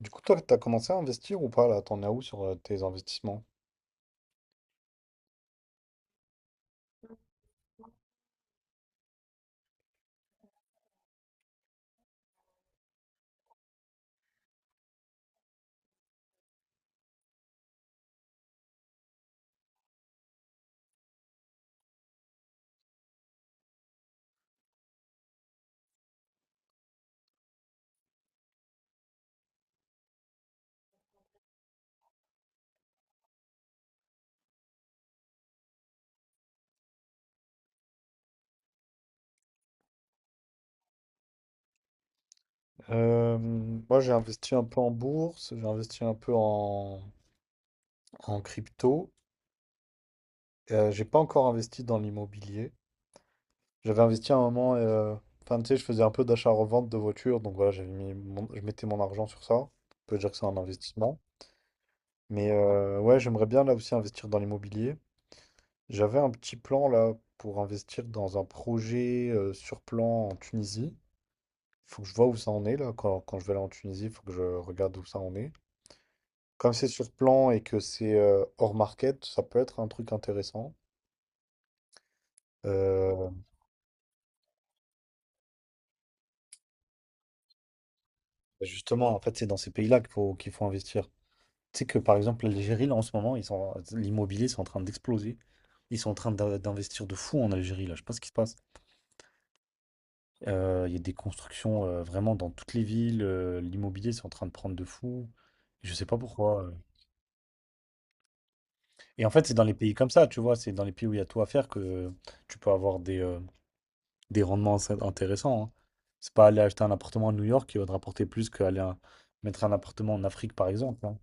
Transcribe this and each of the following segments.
Du coup, toi, t'as commencé à investir ou pas là? T'en as où sur tes investissements? Moi, j'ai investi un peu en bourse, j'ai investi un peu en crypto. J'ai pas encore investi dans l'immobilier. J'avais investi à un moment, enfin, tu sais, je faisais un peu d'achat-revente de voitures, donc voilà, je mettais mon argent sur ça. On peut dire que c'est un investissement. Mais ouais, j'aimerais bien là aussi investir dans l'immobilier. J'avais un petit plan là pour investir dans un projet sur plan en Tunisie. Faut que je vois où ça en est là quand je vais aller en Tunisie, il faut que je regarde où ça en est. Comme c'est sur plan et que c'est hors market, ça peut être un truc intéressant. Euh, Justement, en fait, c'est dans ces pays-là qu'il faut investir. Tu sais que par exemple, l'Algérie, là en ce moment, l'immobilier, c'est en train d'exploser. Ils sont en train d'investir de fou en Algérie, là. Je sais pas ce qui se passe. Il y a des constructions vraiment dans toutes les villes. L'immobilier, c'est en train de prendre de fou. Je sais pas pourquoi. Et en fait, c'est dans les pays comme ça, tu vois, c'est dans les pays où il y a tout à faire que tu peux avoir des rendements assez intéressants. Hein. C'est pas aller acheter un appartement à New York qui va te rapporter plus mettre un appartement en Afrique, par exemple. Hein.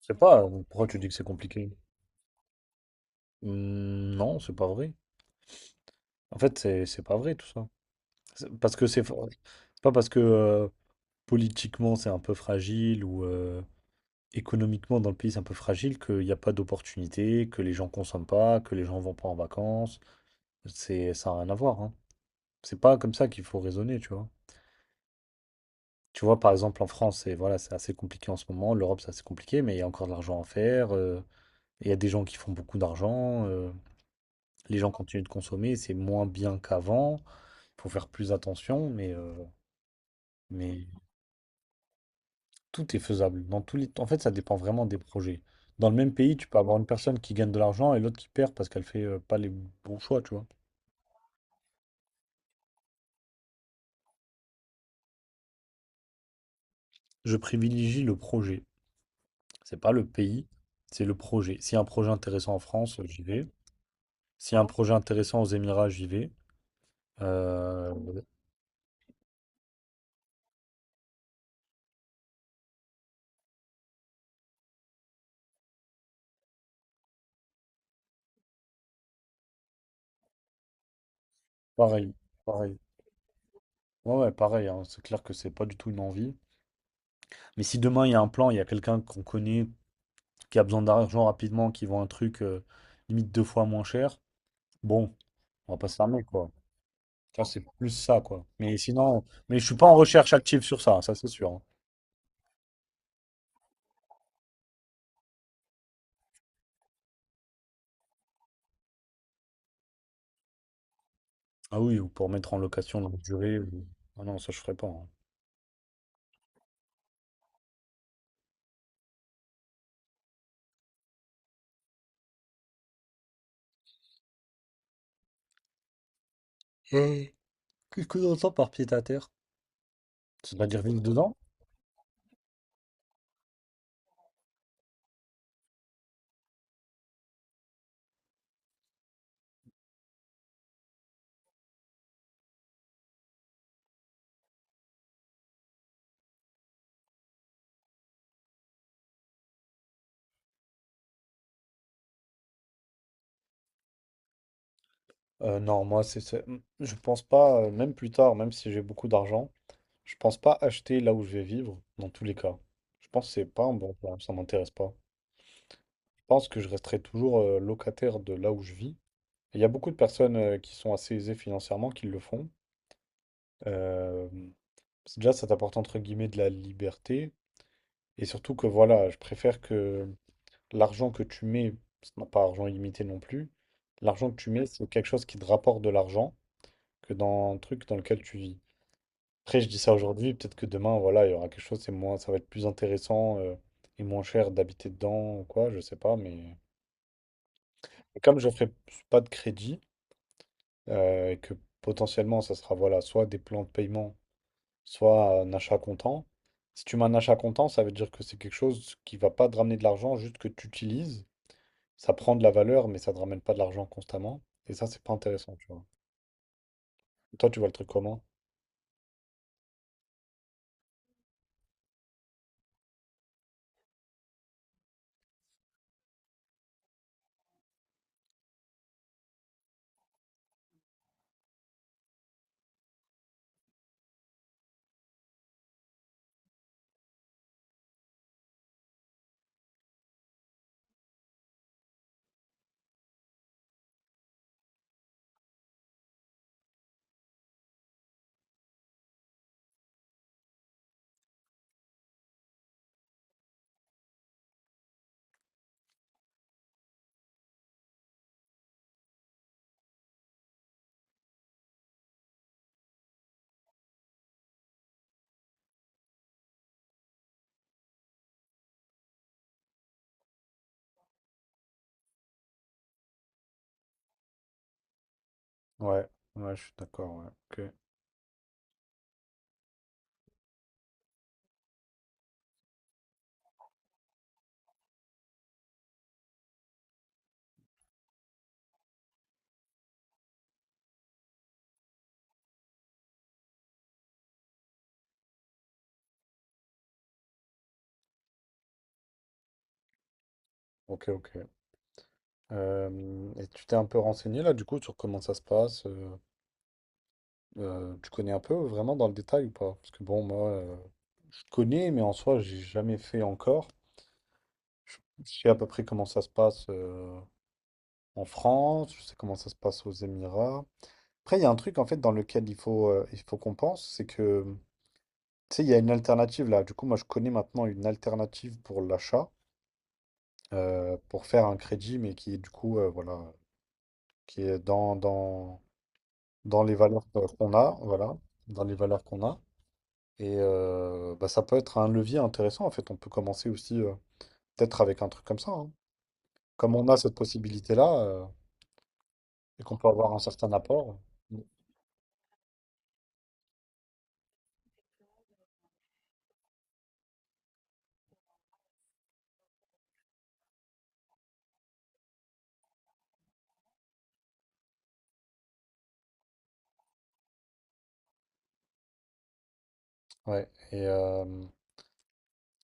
Je sais pas, pourquoi tu dis que c'est compliqué? Non, c'est pas vrai. En fait, c'est pas vrai tout ça. Parce que c'est fa- C'est pas parce que politiquement c'est un peu fragile ou économiquement dans le pays c'est un peu fragile qu'il n'y a pas d'opportunités, que les gens consomment pas, que les gens vont pas en vacances. C'est Ça n'a rien à voir. Hein. C'est pas comme ça qu'il faut raisonner, tu vois. Tu vois, par exemple, en France, c'est voilà, c'est assez compliqué en ce moment. L'Europe, c'est assez compliqué, mais il y a encore de l'argent à faire. Il y a des gens qui font beaucoup d'argent. Les gens continuent de consommer. C'est moins bien qu'avant. Il faut faire plus attention, mais tout est faisable. En fait, ça dépend vraiment des projets. Dans le même pays, tu peux avoir une personne qui gagne de l'argent et l'autre qui perd parce qu'elle fait pas les bons choix, tu vois. Je privilégie le projet. C'est pas le pays, c'est le projet. Si un projet intéressant en France, j'y vais. S'il y a un projet intéressant aux Émirats, j'y vais. Euh, Pareil, pareil. Ouais, ouais, pareil, hein. C'est clair que c'est pas du tout une envie. Mais si demain il y a un plan, il y a quelqu'un qu'on connaît qui a besoin d'argent rapidement, qui vend un truc limite deux fois moins cher, bon, on va pas se fermer, quoi. Ça, c'est plus ça, quoi. Mais sinon, je suis pas en recherche active sur ça, ça c'est sûr. Hein. Ah oui, ou pour mettre en location longue durée. Ah non, ça je ferai pas. Hein. Et qu'est-ce que l'on entend par pied à terre? Ça veut dire vivre dedans? Non, moi, je pense pas, même plus tard, même si j'ai beaucoup d'argent, je pense pas acheter là où je vais vivre, dans tous les cas. Je pense que c'est pas un bon plan, ça m'intéresse pas. Je pense que je resterai toujours locataire de là où je vis. Et il y a beaucoup de personnes qui sont assez aisées financièrement qui le font. Euh, Déjà, ça t'apporte entre guillemets de la liberté. Et surtout que voilà, je préfère que l'argent que tu mets, parce qu'on n'a pas argent illimité non plus, l'argent que tu mets, c'est quelque chose qui te rapporte de l'argent que dans un truc dans lequel tu vis. Après, je dis ça aujourd'hui, peut-être que demain, voilà, il y aura quelque chose, c'est moins, ça va être plus intéressant et moins cher d'habiter dedans ou quoi, je sais pas, mais. Et comme je ferai pas de crédit, et que potentiellement, ça sera voilà, soit des plans de paiement soit un achat comptant. Si tu mets un achat comptant, ça veut dire que c'est quelque chose qui va pas te ramener de l'argent, juste que tu utilises. Ça prend de la valeur, mais ça te ramène pas de l'argent constamment. Et ça, c'est pas intéressant, tu vois. Toi, tu vois le truc comment? Ouais, ouais, je suis d'accord, ouais. Ok, ok, ok. Et tu t'es un peu renseigné là, du coup, sur comment ça se passe? Tu connais un peu vraiment dans le détail ou pas? Parce que bon, moi, je connais, mais en soi, j'ai jamais fait encore. Je je sais à peu près comment ça se passe en France, je sais comment ça se passe aux Émirats. Après, il y a un truc en fait dans lequel il faut qu'on pense, c'est que tu sais, il y a une alternative là. Du coup, moi je connais maintenant une alternative pour l'achat, pour faire un crédit, mais qui est du coup, voilà, qui est dans les valeurs qu'on a, voilà, dans les valeurs qu'on a. Et bah, ça peut être un levier intéressant en fait. On peut commencer aussi peut-être avec un truc comme ça. Hein. Comme on a cette possibilité-là et qu'on peut avoir un certain apport. Mm. Ouais, et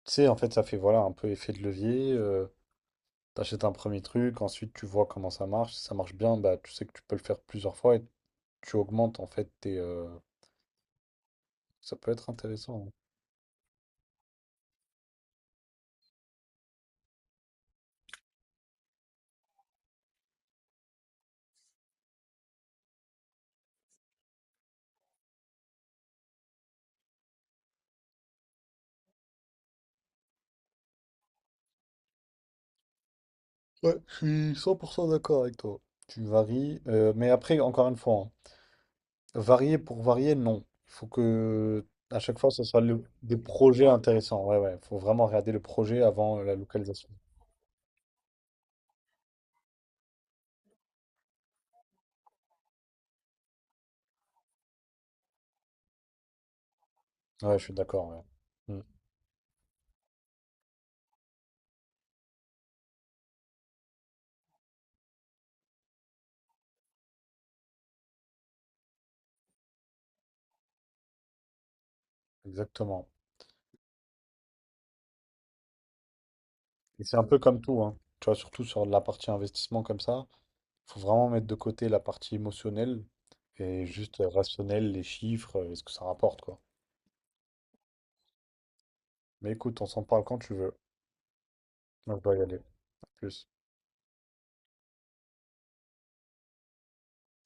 tu sais, en fait, ça fait voilà un peu effet de levier. T'achètes un premier truc, ensuite tu vois comment ça marche. Si ça marche bien, bah tu sais que tu peux le faire plusieurs fois et tu augmentes en fait tes. Ça peut être intéressant. Hein. Ouais, je suis 100% d'accord avec toi. Tu varies, mais après, encore une fois, hein, varier pour varier, non. Il faut que à chaque fois, ce soit des projets intéressants. Ouais, ouais, faut vraiment regarder le projet avant la localisation. Ouais, je suis d'accord. Ouais. Mm. Exactement. Et c'est un peu comme tout, hein. Tu vois, surtout sur la partie investissement comme ça, faut vraiment mettre de côté la partie émotionnelle et juste rationnelle, les chiffres, et ce que ça rapporte, quoi. Mais écoute, on s'en parle quand tu veux. Moi, je dois y aller. À plus.